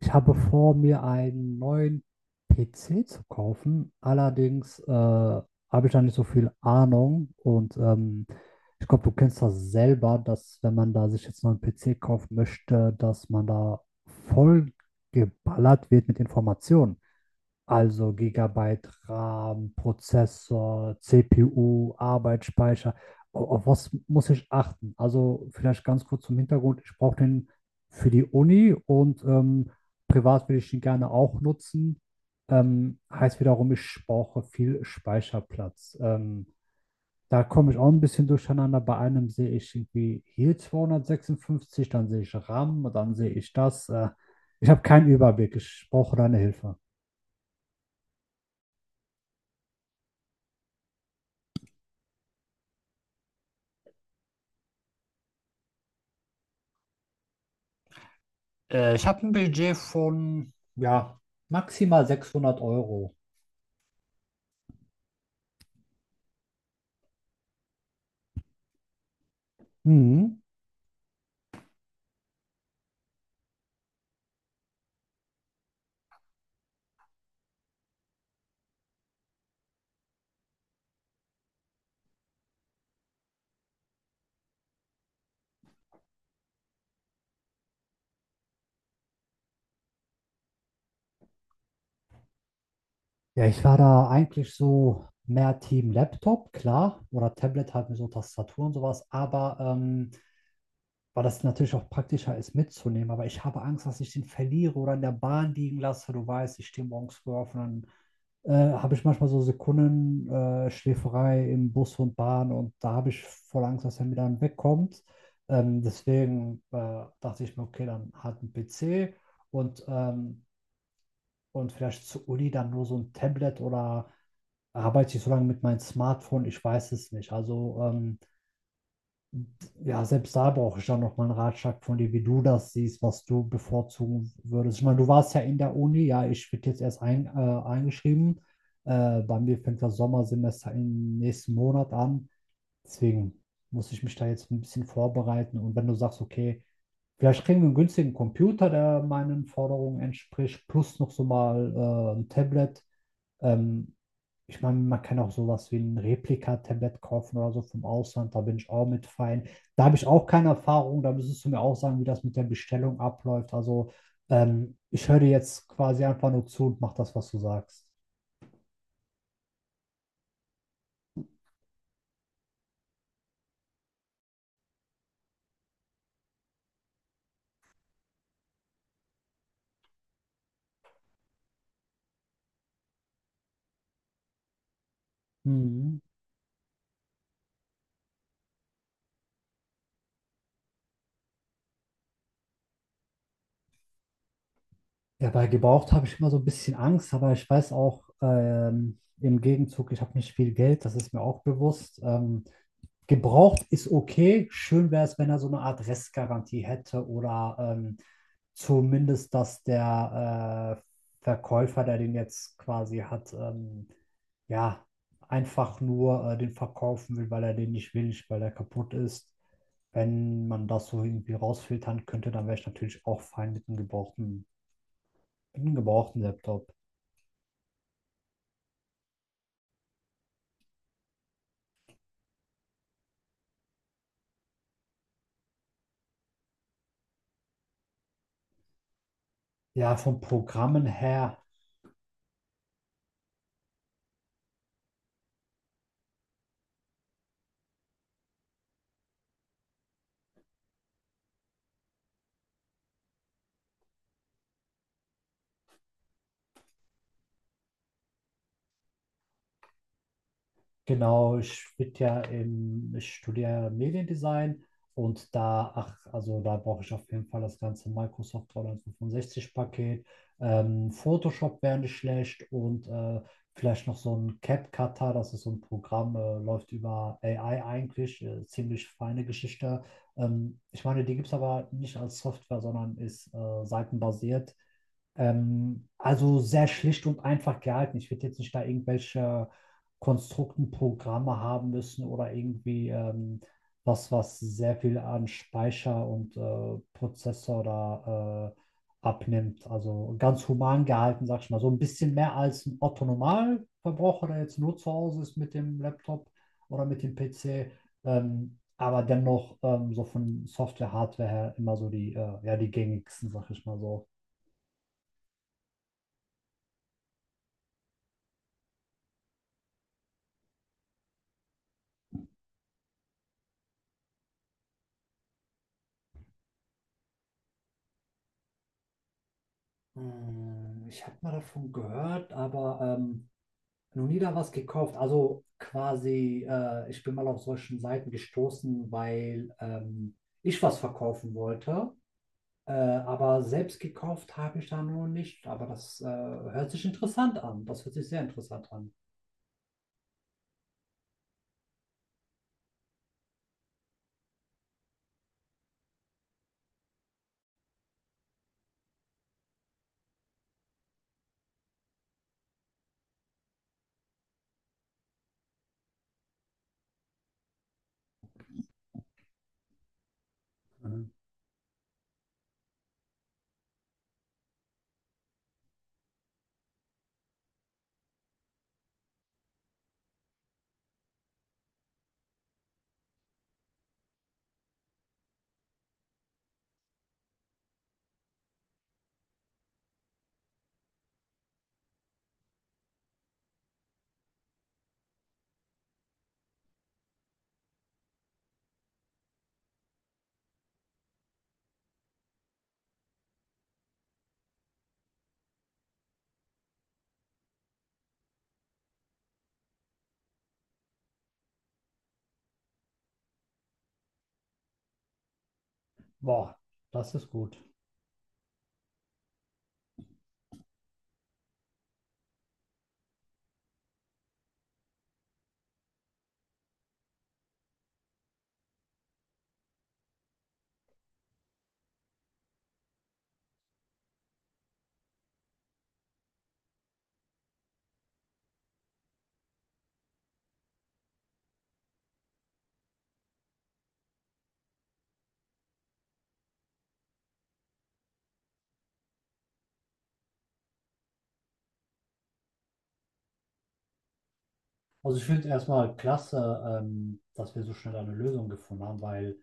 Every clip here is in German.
Ich habe vor, mir einen neuen PC zu kaufen. Allerdings habe ich da nicht so viel Ahnung. Und ich glaube, du kennst das selber, dass, wenn man da sich jetzt noch einen neuen PC kaufen möchte, dass man da voll geballert wird mit Informationen. Also Gigabyte RAM, Prozessor, CPU, Arbeitsspeicher. Auf was muss ich achten? Also vielleicht ganz kurz zum Hintergrund. Ich brauche den für die Uni und privat will ich ihn gerne auch nutzen. Heißt wiederum, ich brauche viel Speicherplatz. Da komme ich auch ein bisschen durcheinander. Bei einem sehe ich irgendwie hier 256, dann sehe ich RAM, dann sehe ich das. Ich habe keinen Überblick. Ich brauche deine Hilfe. Ich habe ein Budget von, ja, maximal 600 Euro. Mhm. Ja, ich war da eigentlich so mehr Team Laptop, klar, oder Tablet halt mit so Tastatur und sowas, aber weil das natürlich auch praktischer ist mitzunehmen, aber ich habe Angst, dass ich den verliere oder in der Bahn liegen lasse. Du weißt, ich stehe morgens früh auf und dann habe ich manchmal so Sekunden Schläferei im Bus und Bahn, und da habe ich voll Angst, dass er mir dann wegkommt. Deswegen dachte ich mir, okay, dann halt ein PC und, ähm, und vielleicht zur Uni dann nur so ein Tablet, oder arbeite ich so lange mit meinem Smartphone, ich weiß es nicht. Also ja, selbst da brauche ich dann nochmal einen Ratschlag von dir, wie du das siehst, was du bevorzugen würdest. Ich meine, du warst ja in der Uni, ja, ich bin jetzt erst eingeschrieben. Bei mir fängt das Sommersemester im nächsten Monat an. Deswegen muss ich mich da jetzt ein bisschen vorbereiten. Und wenn du sagst, okay, vielleicht kriegen wir einen günstigen Computer, der meinen Forderungen entspricht, plus noch so mal ein Tablet, ähm, ich meine, man kann auch sowas wie ein Replika-Tablet kaufen oder so vom Ausland, da bin ich auch mit fein. Da habe ich auch keine Erfahrung, da müsstest du mir auch sagen, wie das mit der Bestellung abläuft. Also ich höre dir jetzt quasi einfach nur zu und mach das, was du sagst. Mhm. Ja, bei gebraucht habe ich immer so ein bisschen Angst, aber ich weiß auch im Gegenzug, ich habe nicht viel Geld, das ist mir auch bewusst. Gebraucht ist okay, schön wäre es, wenn er so eine Art Restgarantie hätte oder zumindest, dass der Verkäufer, der den jetzt quasi hat, ja, einfach nur den verkaufen will, weil er den nicht will, nicht weil er kaputt ist. Wenn man das so irgendwie rausfiltern könnte, dann wäre ich natürlich auch fein mit einem gebrauchten Laptop. Ja, von Programmen her. Genau, ich bin ja im, ich studiere Mediendesign und da, ach, also da brauche ich auf jeden Fall das ganze Microsoft 365-Paket. Photoshop wäre nicht schlecht und vielleicht noch so ein CapCutter, das ist so ein Programm, läuft über AI eigentlich, ziemlich feine Geschichte. Ich meine, die gibt es aber nicht als Software, sondern ist seitenbasiert. Also sehr schlicht und einfach gehalten. Ich würde jetzt nicht da irgendwelche Konstrukten Programme haben müssen oder irgendwie was, was sehr viel an Speicher und Prozessor da abnimmt. Also ganz human gehalten, sag ich mal. So ein bisschen mehr als ein Otto Normalverbraucher, der jetzt nur zu Hause ist mit dem Laptop oder mit dem PC. Aber dennoch so von Software, Hardware her immer so die, ja, die gängigsten, sag ich mal so. Hm, ich habe mal davon gehört, aber noch nie da was gekauft. Also quasi, ich bin mal auf solchen Seiten gestoßen, weil ich was verkaufen wollte. Aber selbst gekauft habe ich da noch nicht. Aber das hört sich interessant an. Das hört sich sehr interessant an. Mhm. Boah, das ist gut. Also ich finde es erstmal klasse, dass wir so schnell eine Lösung gefunden haben, weil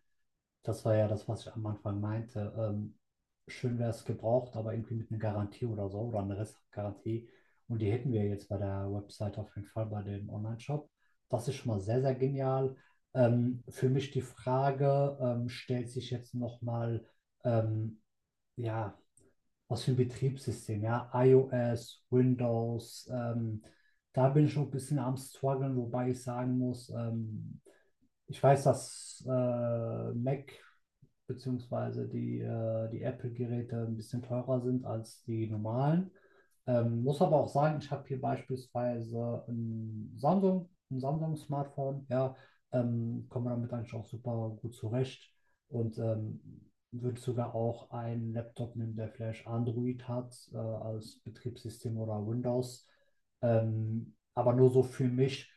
das war ja das, was ich am Anfang meinte. Schön wäre es gebraucht, aber irgendwie mit einer Garantie oder so oder einer Restgarantie. Und die hätten wir jetzt bei der Website auf jeden Fall, bei dem Online-Shop. Das ist schon mal sehr, sehr genial. Für mich die Frage stellt sich jetzt nochmal, ähm, ja, was für ein Betriebssystem, ja, iOS, Windows. Da bin ich noch ein bisschen am Struggeln, wobei ich sagen muss, ich weiß, dass Mac beziehungsweise die, die Apple-Geräte ein bisschen teurer sind als die normalen. Muss aber auch sagen, ich habe hier beispielsweise ein Samsung, ein Samsung-Smartphone, ja, komme damit eigentlich auch super gut zurecht und würde sogar auch einen Laptop nehmen, der vielleicht Android hat als Betriebssystem oder Windows. Aber nur so für mich,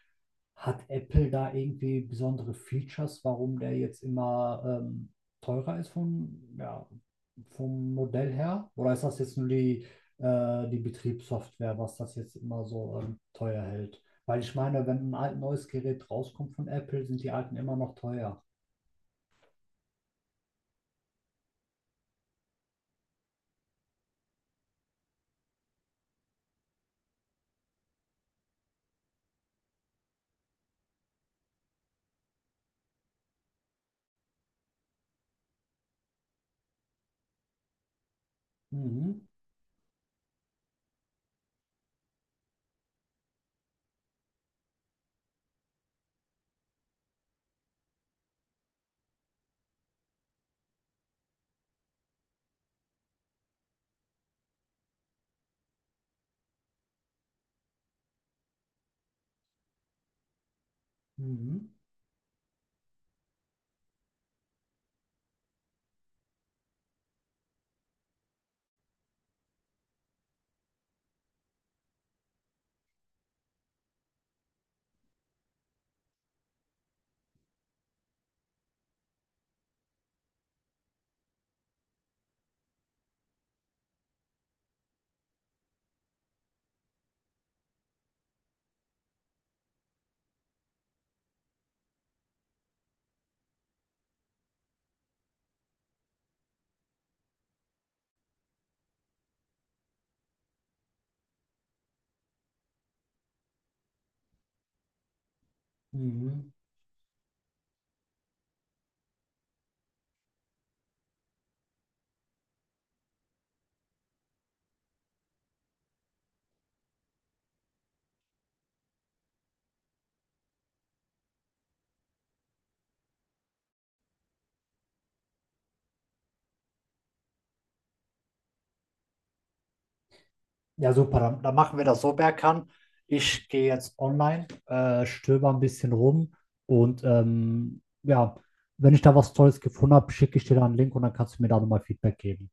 hat Apple da irgendwie besondere Features, warum der jetzt immer teurer ist vom, ja, vom Modell her? Oder ist das jetzt nur die, die Betriebssoftware, was das jetzt immer so teuer hält? Weil ich meine, wenn ein alt neues Gerät rauskommt von Apple, sind die alten immer noch teuer. Mhm, mhm, mhm. Ja, super. Dann machen wir das so, Berkan. Ich gehe jetzt online, stöber ein bisschen rum und ja, wenn ich da was Tolles gefunden habe, schicke ich dir da einen Link und dann kannst du mir da nochmal Feedback geben.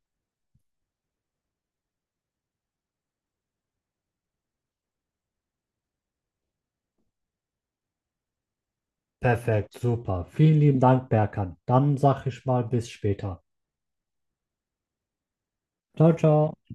Perfekt, super. Vielen lieben Dank, Berkan. Dann sage ich mal bis später. Ciao, ciao.